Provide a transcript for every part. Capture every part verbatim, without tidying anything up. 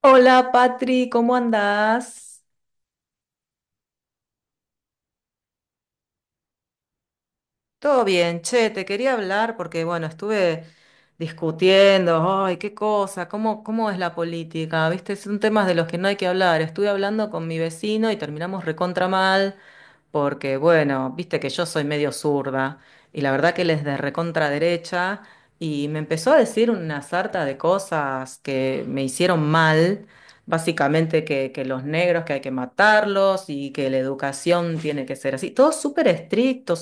Hola Patri, ¿cómo andás? Todo bien, che, te quería hablar porque, bueno, estuve discutiendo, ay, qué cosa, cómo, cómo es la política, ¿viste? Son temas de los que no hay que hablar. Estuve hablando con mi vecino y terminamos recontra mal porque, bueno, viste que yo soy medio zurda y la verdad que él es de recontra derecha y me empezó a decir una sarta de cosas que me hicieron mal. Básicamente que, que los negros que hay que matarlos y que la educación tiene que ser así. Todo súper estricto,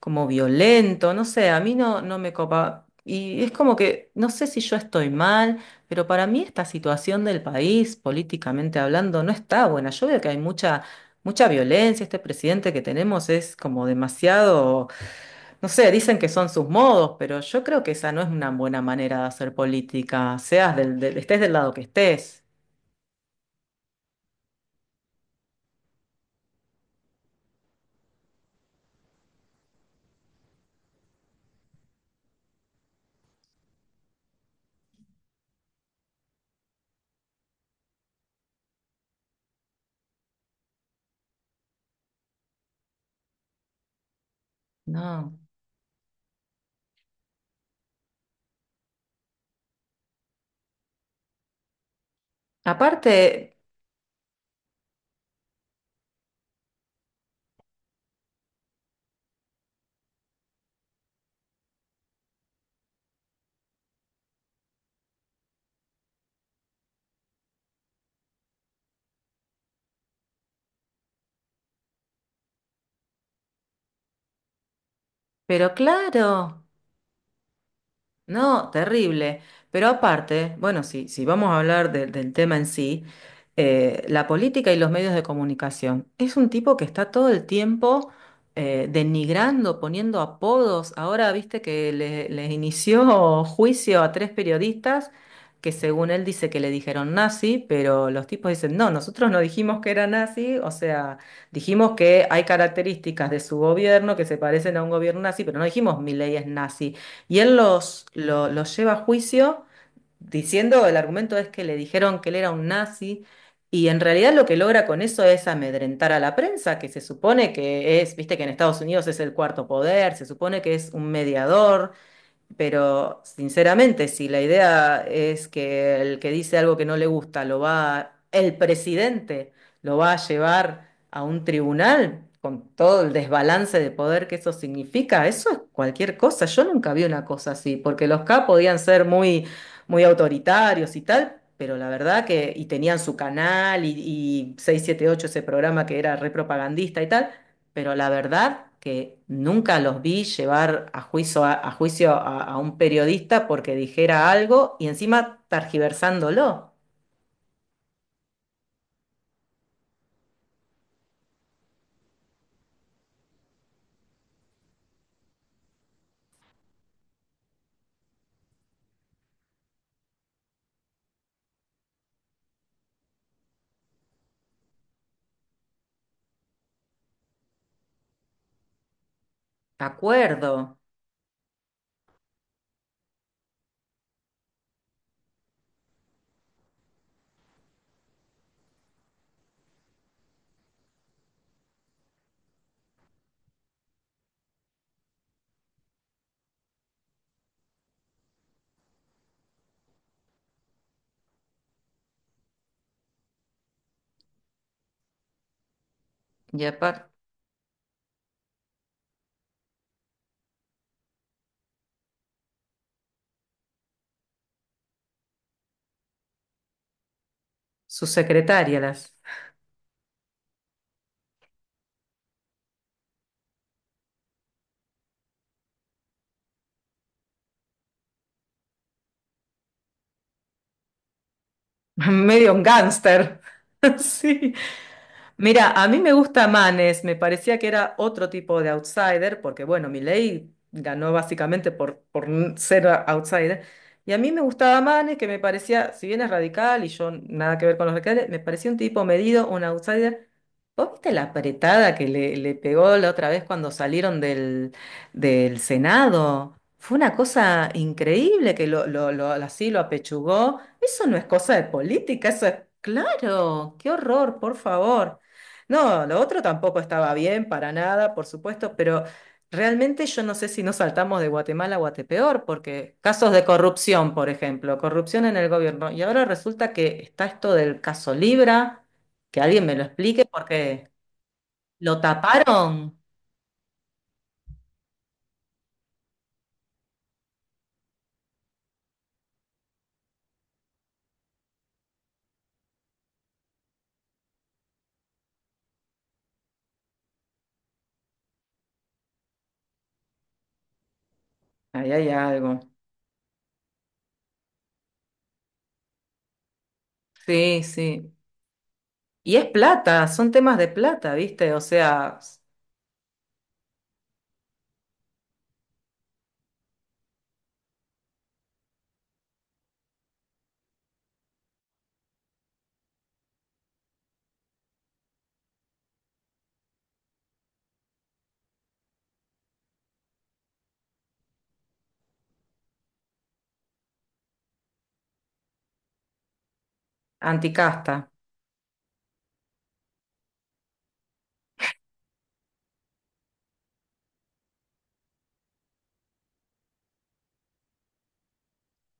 como violento, no sé, a mí no, no me copa. Y es como que, no sé si yo estoy mal, pero para mí esta situación del país, políticamente hablando, no está buena. Yo veo que hay mucha, mucha violencia, este presidente que tenemos es como demasiado, no sé, dicen que son sus modos, pero yo creo que esa no es una buena manera de hacer política, seas del, del- estés del lado que estés. No. Aparte, pero claro. No, terrible. Pero aparte, bueno, si, si vamos a hablar de- del tema en sí, eh, la política y los medios de comunicación. Es un tipo que está todo el tiempo eh, denigrando, poniendo apodos. Ahora viste que le, les inició juicio a tres periodistas que según él dice que le dijeron nazi, pero los tipos dicen, no, nosotros no dijimos que era nazi, o sea, dijimos que hay características de su gobierno que se parecen a un gobierno nazi, pero no dijimos Milei es nazi. Y él los, lo- los lleva a juicio diciendo, el argumento es que le dijeron que él era un nazi, y en realidad lo que logra con eso es amedrentar a la prensa, que se supone que es, viste que en Estados Unidos es el cuarto poder, se supone que es un mediador. Pero sinceramente, si la idea es que el que dice algo que no le gusta lo va, el presidente lo va a llevar a un tribunal con todo el desbalance de poder que eso significa, eso es cualquier cosa. Yo nunca vi una cosa así, porque los K podían ser muy, muy autoritarios y tal, pero la verdad que, y tenían su canal y, y seis siete ocho, ese programa que era repropagandista y tal, pero la verdad que nunca los vi llevar a juicio a, a juicio a, a un periodista porque dijera algo y encima targiversándolo. Acuerdo. Y aparte, su secretaria, las medio un gángster. Sí. Mira, a mí me gusta Manes, me parecía que era otro tipo de outsider, porque bueno, Milei ganó básicamente por, por n- ser a- outsider, y a mí me gustaba Manes, que me parecía, si bien es radical y yo nada que ver con los radicales, me parecía un tipo medido, un outsider. ¿Vos viste la apretada que le, le pegó la otra vez cuando salieron del, del Senado? Fue una cosa increíble que lo, lo, lo- así lo apechugó. Eso no es cosa de política, eso es claro. Qué horror, por favor. No, lo otro tampoco estaba bien para nada, por supuesto, pero realmente yo no sé si nos saltamos de Guatemala a Guatepeor, porque casos de corrupción, por ejemplo, corrupción en el gobierno. Y ahora resulta que está esto del caso Libra. Que alguien me lo explique porque ¿lo taparon? Ahí hay algo. Sí, sí. Y es plata, son temas de plata, ¿viste? O sea, s- anticasta.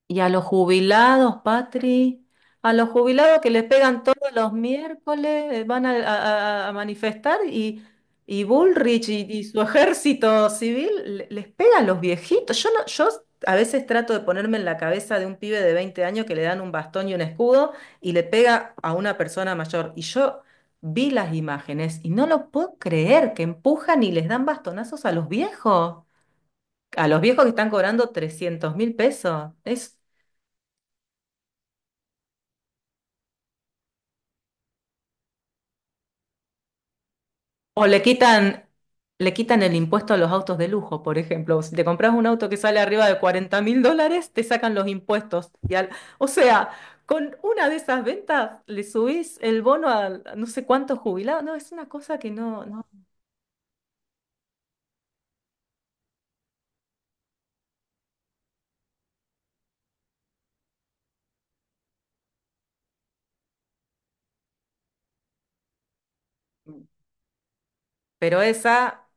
Y a los jubilados, Patri, a los jubilados que les pegan todos los miércoles, eh, van a, a- a manifestar y, y Bullrich y, y su ejército civil le- les pegan a los viejitos. Yo, no, yo a veces trato de ponerme en la cabeza de un pibe de veinte años que le dan un bastón y un escudo y le pega a una persona mayor. Y yo vi las imágenes y no lo puedo creer que empujan y les dan bastonazos a los viejos. A los viejos que están cobrando trescientos mil pesos. Es o le quitan, le quitan el impuesto a los autos de lujo, por ejemplo. Si te compras un auto que sale arriba de cuarenta mil dólares, te sacan los impuestos. Y al- o sea, con una de esas ventas le subís el bono a no sé cuántos jubilados. No, es una cosa que no, no. Pero esa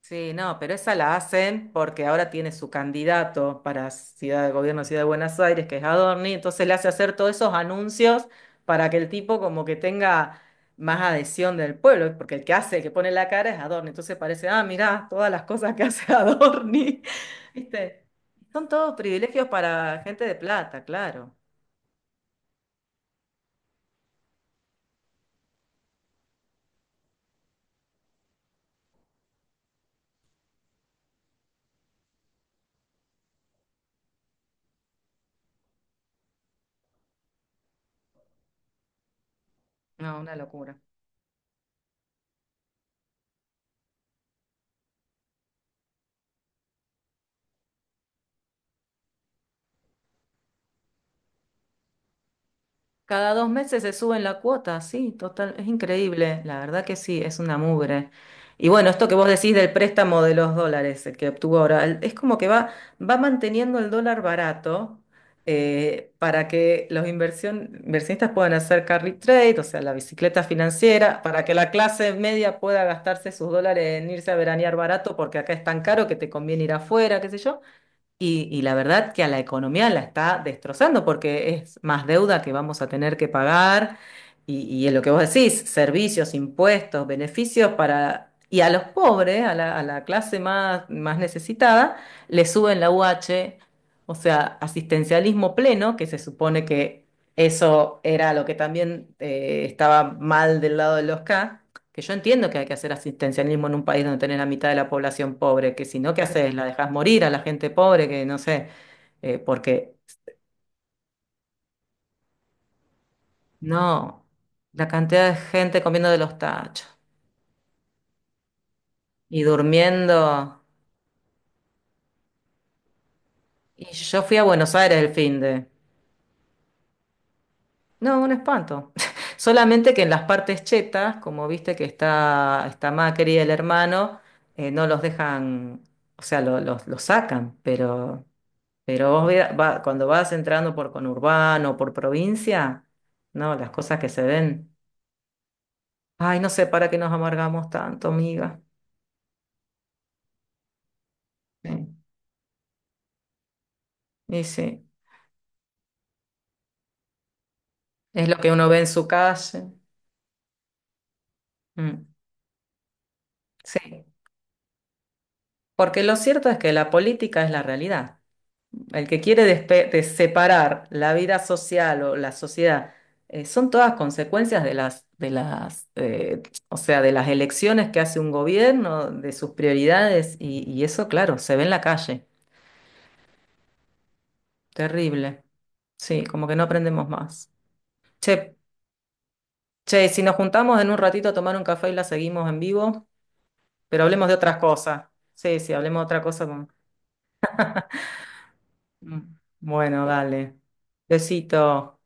sí, no, pero esa la hacen porque ahora tiene su candidato para Ciudad de Gobierno de Ciudad de Buenos Aires, que es Adorni, entonces le hace hacer todos esos anuncios para que el tipo como que tenga más adhesión del pueblo, porque el que hace, el que pone la cara es Adorni, entonces parece, ah, mirá, todas las cosas que hace Adorni, ¿viste? Son todos privilegios para gente de plata, claro. No, una locura. Cada dos meses se suben la cuota, sí, total, es increíble, la verdad que sí, es una mugre. Y bueno, esto que vos decís del préstamo de los dólares, el que obtuvo ahora, el- es como que va, va manteniendo el dólar barato eh, para que los inversión- inversionistas puedan hacer carry trade, o sea, la bicicleta financiera, para que la clase media pueda gastarse sus dólares en irse a veranear barato, porque acá es tan caro que te conviene ir afuera, qué sé yo. Y, y la verdad que a la economía la está destrozando porque es más deuda que vamos a tener que pagar y, y es lo que vos decís, servicios, impuestos, beneficios para... Y a los pobres, a la, a la clase más, más necesitada, le suben la u h, o sea, asistencialismo pleno, que se supone que eso era lo que también eh, estaba mal del lado de los K. Que yo entiendo que hay que hacer asistencialismo en un país donde tenés la mitad de la población pobre, que si no, ¿qué haces? ¿La dejás morir a la gente pobre? Que no sé, eh, porque no, la cantidad de gente comiendo de los tachos y durmiendo. Y yo fui a Buenos Aires el fin de... No, un espanto. Solamente que en las partes chetas, como viste que está, está Macri y el hermano, eh, no los dejan, o sea, lo- los los sacan, pero... Pero vos vea- va- cuando vas entrando por conurbano, por provincia, no, las cosas que se ven. Ay, no sé para qué nos amargamos tanto, amiga. Sí. Y sí, es lo que uno ve en su calle. Mm, sí, porque lo cierto es que la política es la realidad. El que quiere despe- de separar la vida social o la sociedad, eh, son todas consecuencias de las, de las, eh, o sea, de las elecciones que hace un gobierno, de sus prioridades, y, y eso, claro, se ve en la calle. Terrible. Sí, como que no aprendemos más. Che, che, si nos juntamos en un ratito a tomar un café y la seguimos en vivo, pero hablemos de otras cosas. Sí, sí, hablemos de otra cosa. con- Mm. Bueno, dale. Besito.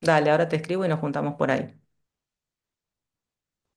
Dale, ahora te escribo y nos juntamos por ahí.